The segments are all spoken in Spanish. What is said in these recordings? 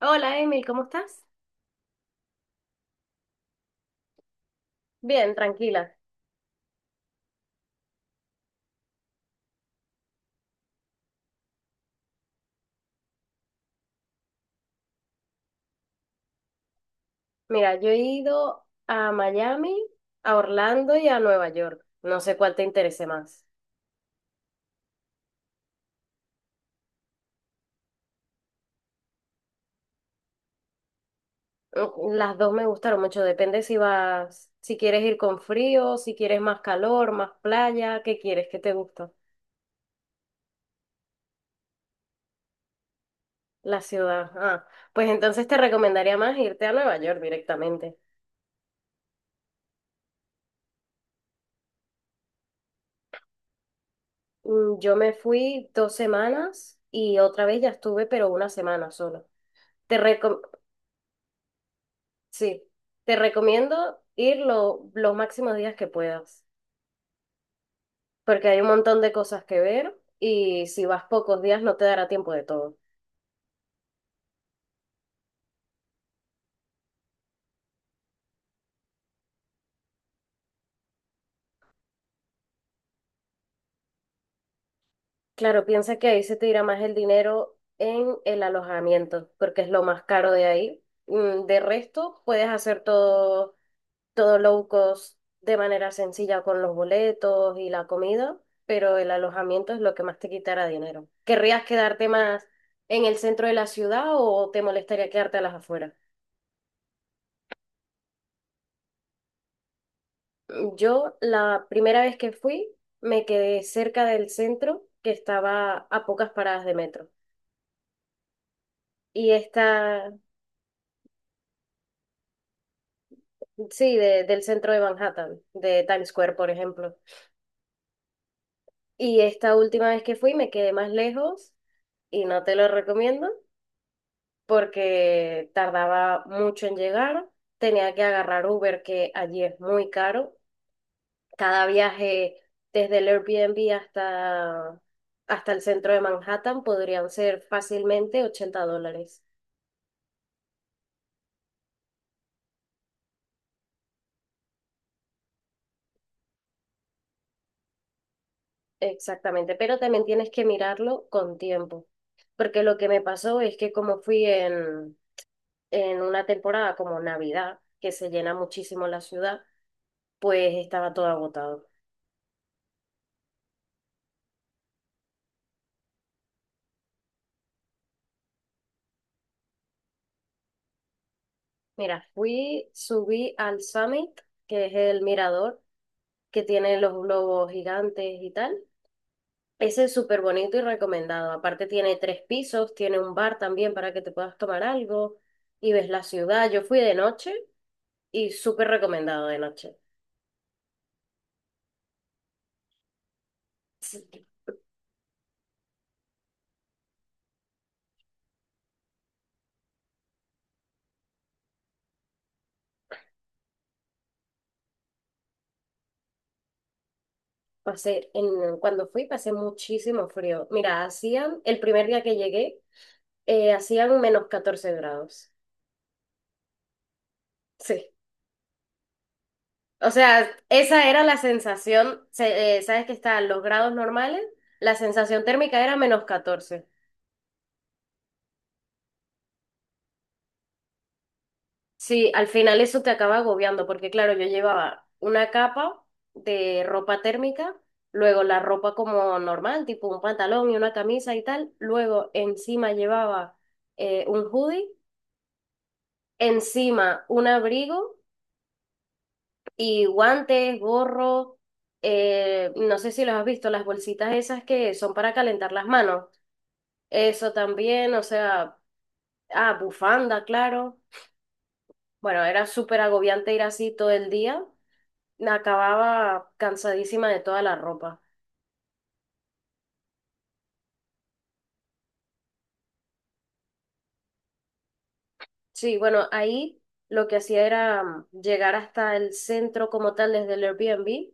Hola Emil, ¿cómo estás? Bien, tranquila. Mira, yo he ido a Miami, a Orlando y a Nueva York. No sé cuál te interese más. Las dos me gustaron mucho, depende si vas, si quieres ir con frío, si quieres más calor, más playa. ¿Qué quieres? ¿Qué te gusta? La ciudad. Ah, pues entonces te recomendaría más irte a Nueva York directamente. Yo me fui 2 semanas y otra vez ya estuve, pero una semana solo. Te, reco- Sí, te recomiendo ir los máximos días que puedas, porque hay un montón de cosas que ver y si vas pocos días no te dará tiempo de todo. Claro, piensa que ahí se te irá más el dinero en el alojamiento, porque es lo más caro de ahí. De resto, puedes hacer todo, todo low cost de manera sencilla con los boletos y la comida, pero el alojamiento es lo que más te quitará dinero. ¿Querrías quedarte más en el centro de la ciudad o te molestaría quedarte a las afueras? Yo la primera vez que fui me quedé cerca del centro, que estaba a pocas paradas de metro. Y está, sí, del centro de Manhattan, de Times Square, por ejemplo. Y esta última vez que fui me quedé más lejos y no te lo recomiendo porque tardaba mucho en llegar. Tenía que agarrar Uber, que allí es muy caro. Cada viaje desde el Airbnb hasta el centro de Manhattan podrían ser fácilmente $80. Exactamente, pero también tienes que mirarlo con tiempo, porque lo que me pasó es que como fui en una temporada como Navidad, que se llena muchísimo la ciudad, pues estaba todo agotado. Mira, fui, subí al Summit, que es el mirador que tiene los globos gigantes y tal. Ese es súper bonito y recomendado. Aparte tiene 3 pisos, tiene un bar también para que te puedas tomar algo y ves la ciudad. Yo fui de noche y súper recomendado de noche. Sí. Pasé, cuando fui pasé muchísimo frío. Mira, hacían, el primer día que llegué, hacían -14 grados. Sí. O sea, esa era la sensación. Sabes que están los grados normales, la sensación térmica era -14. Sí, al final eso te acaba agobiando, porque claro, yo llevaba una capa de ropa térmica, luego la ropa como normal, tipo un pantalón y una camisa y tal, luego encima llevaba un hoodie, encima un abrigo y guantes, gorro, no sé si los has visto, las bolsitas esas que son para calentar las manos, eso también. O sea, ah, bufanda, claro. Bueno, era súper agobiante ir así todo el día. Acababa cansadísima de toda la ropa. Sí, bueno, ahí lo que hacía era llegar hasta el centro como tal desde el Airbnb,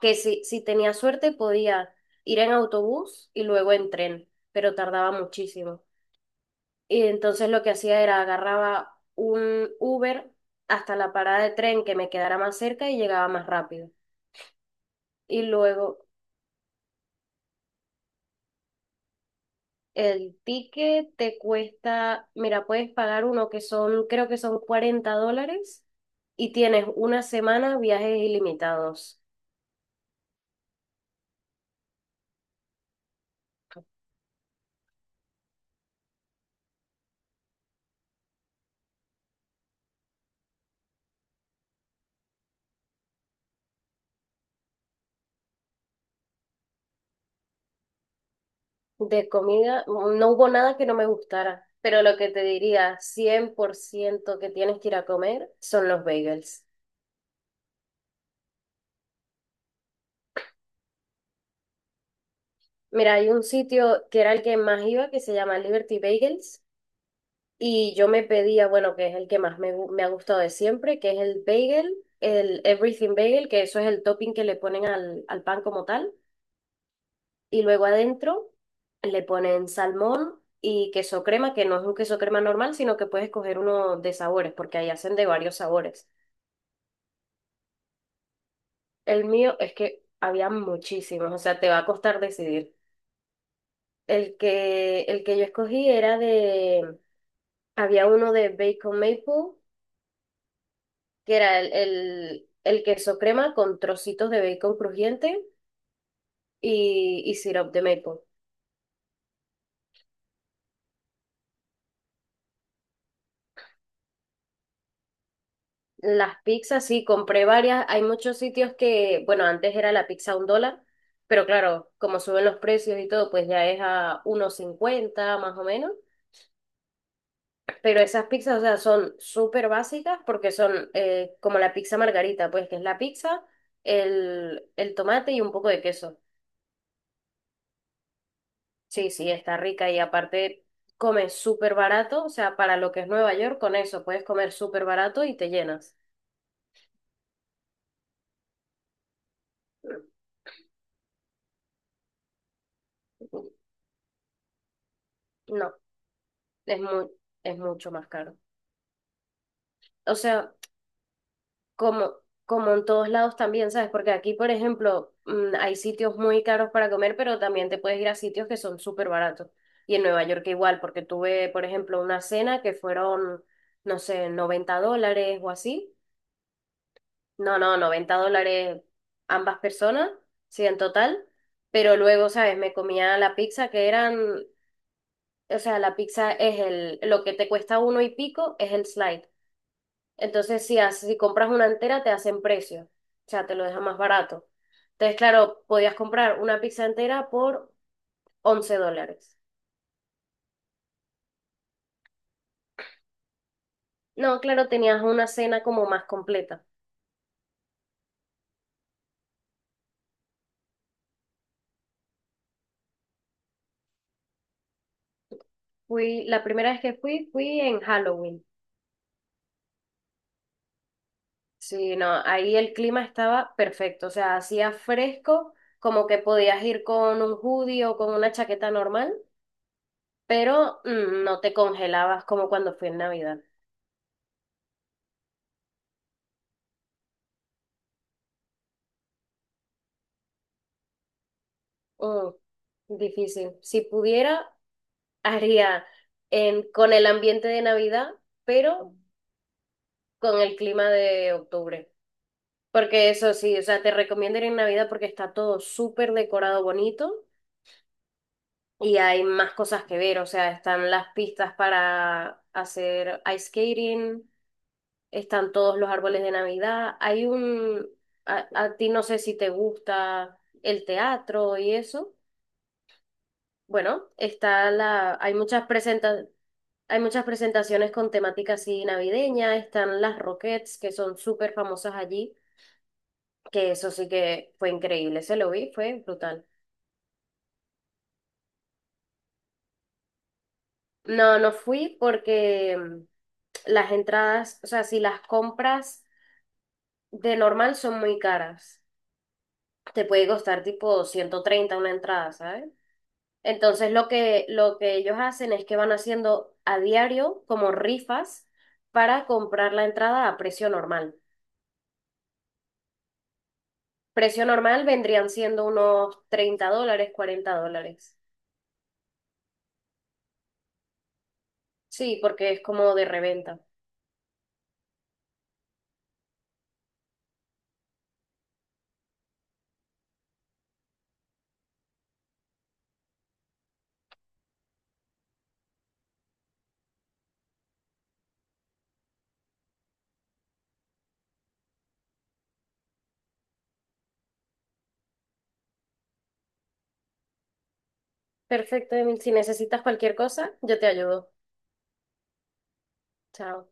que si tenía suerte podía ir en autobús y luego en tren, pero tardaba muchísimo. Y entonces lo que hacía era agarraba un Uber hasta la parada de tren que me quedara más cerca y llegaba más rápido. Y luego, el ticket te cuesta, mira, puedes pagar uno que son, creo que son $40 y tienes una semana viajes ilimitados. De comida, no hubo nada que no me gustara, pero lo que te diría 100% que tienes que ir a comer son los bagels. Mira, hay un sitio que era el que más iba que se llama Liberty Bagels. Y yo me pedía, bueno, que es el que más me ha gustado de siempre, que es el bagel, el everything bagel, que eso es el topping que le ponen al, al pan como tal. Y luego adentro le ponen salmón y queso crema, que no es un queso crema normal, sino que puedes coger uno de sabores, porque ahí hacen de varios sabores. El mío es que había muchísimos, o sea, te va a costar decidir. El que yo escogí era había uno de bacon maple que era el queso crema con trocitos de bacon crujiente y syrup de maple. Las pizzas, sí, compré varias. Hay muchos sitios que, bueno, antes era la pizza a $1, pero claro, como suben los precios y todo, pues ya es a uno cincuenta más o menos. Pero esas pizzas, o sea, son súper básicas porque son como la pizza margarita, pues que es la pizza, el tomate y un poco de queso. Sí, sí, está rica y aparte comes súper barato, o sea, para lo que es Nueva York, con eso puedes comer súper barato y te llenas. No, es muy, es mucho más caro. O sea, como, como en todos lados también, ¿sabes? Porque aquí, por ejemplo, hay sitios muy caros para comer, pero también te puedes ir a sitios que son súper baratos. Y en Nueva York igual, porque tuve, por ejemplo, una cena que fueron, no sé, $90 o así. No, no, $90 ambas personas, sí, en total. Pero luego, ¿sabes? Me comía la pizza que eran, o sea, la pizza es el, lo que te cuesta uno y pico es el slide. Entonces, si, si compras una entera, te hacen precio. O sea, te lo deja más barato. Entonces, claro, podías comprar una pizza entera por $11. No, claro, tenías una cena como más completa. Fui, la primera vez que fui, fui en Halloween. Sí, no, ahí el clima estaba perfecto, o sea, hacía fresco, como que podías ir con un hoodie o con una chaqueta normal, pero no te congelabas como cuando fui en Navidad. Mm, difícil. Si pudiera, haría con el ambiente de Navidad, pero con el clima de octubre. Porque eso sí, o sea, te recomiendo ir en Navidad porque está todo súper decorado bonito. Y hay más cosas que ver, o sea, están las pistas para hacer ice skating, están todos los árboles de Navidad, hay un... A, a ti no sé si te gusta el teatro y eso. Bueno, está la... Hay muchas presentaciones con temática así navideña, están las Rockettes, que son súper famosas allí, que eso sí que fue increíble, se lo vi, fue brutal. No, no fui porque las entradas, o sea, si las compras... de normal son muy caras. Te puede costar tipo 130 una entrada, ¿sabes? Entonces lo que ellos hacen es que van haciendo a diario como rifas para comprar la entrada a precio normal. Precio normal vendrían siendo unos $30, $40. Sí, porque es como de reventa. Perfecto, Emil. Si necesitas cualquier cosa, yo te ayudo. Chao.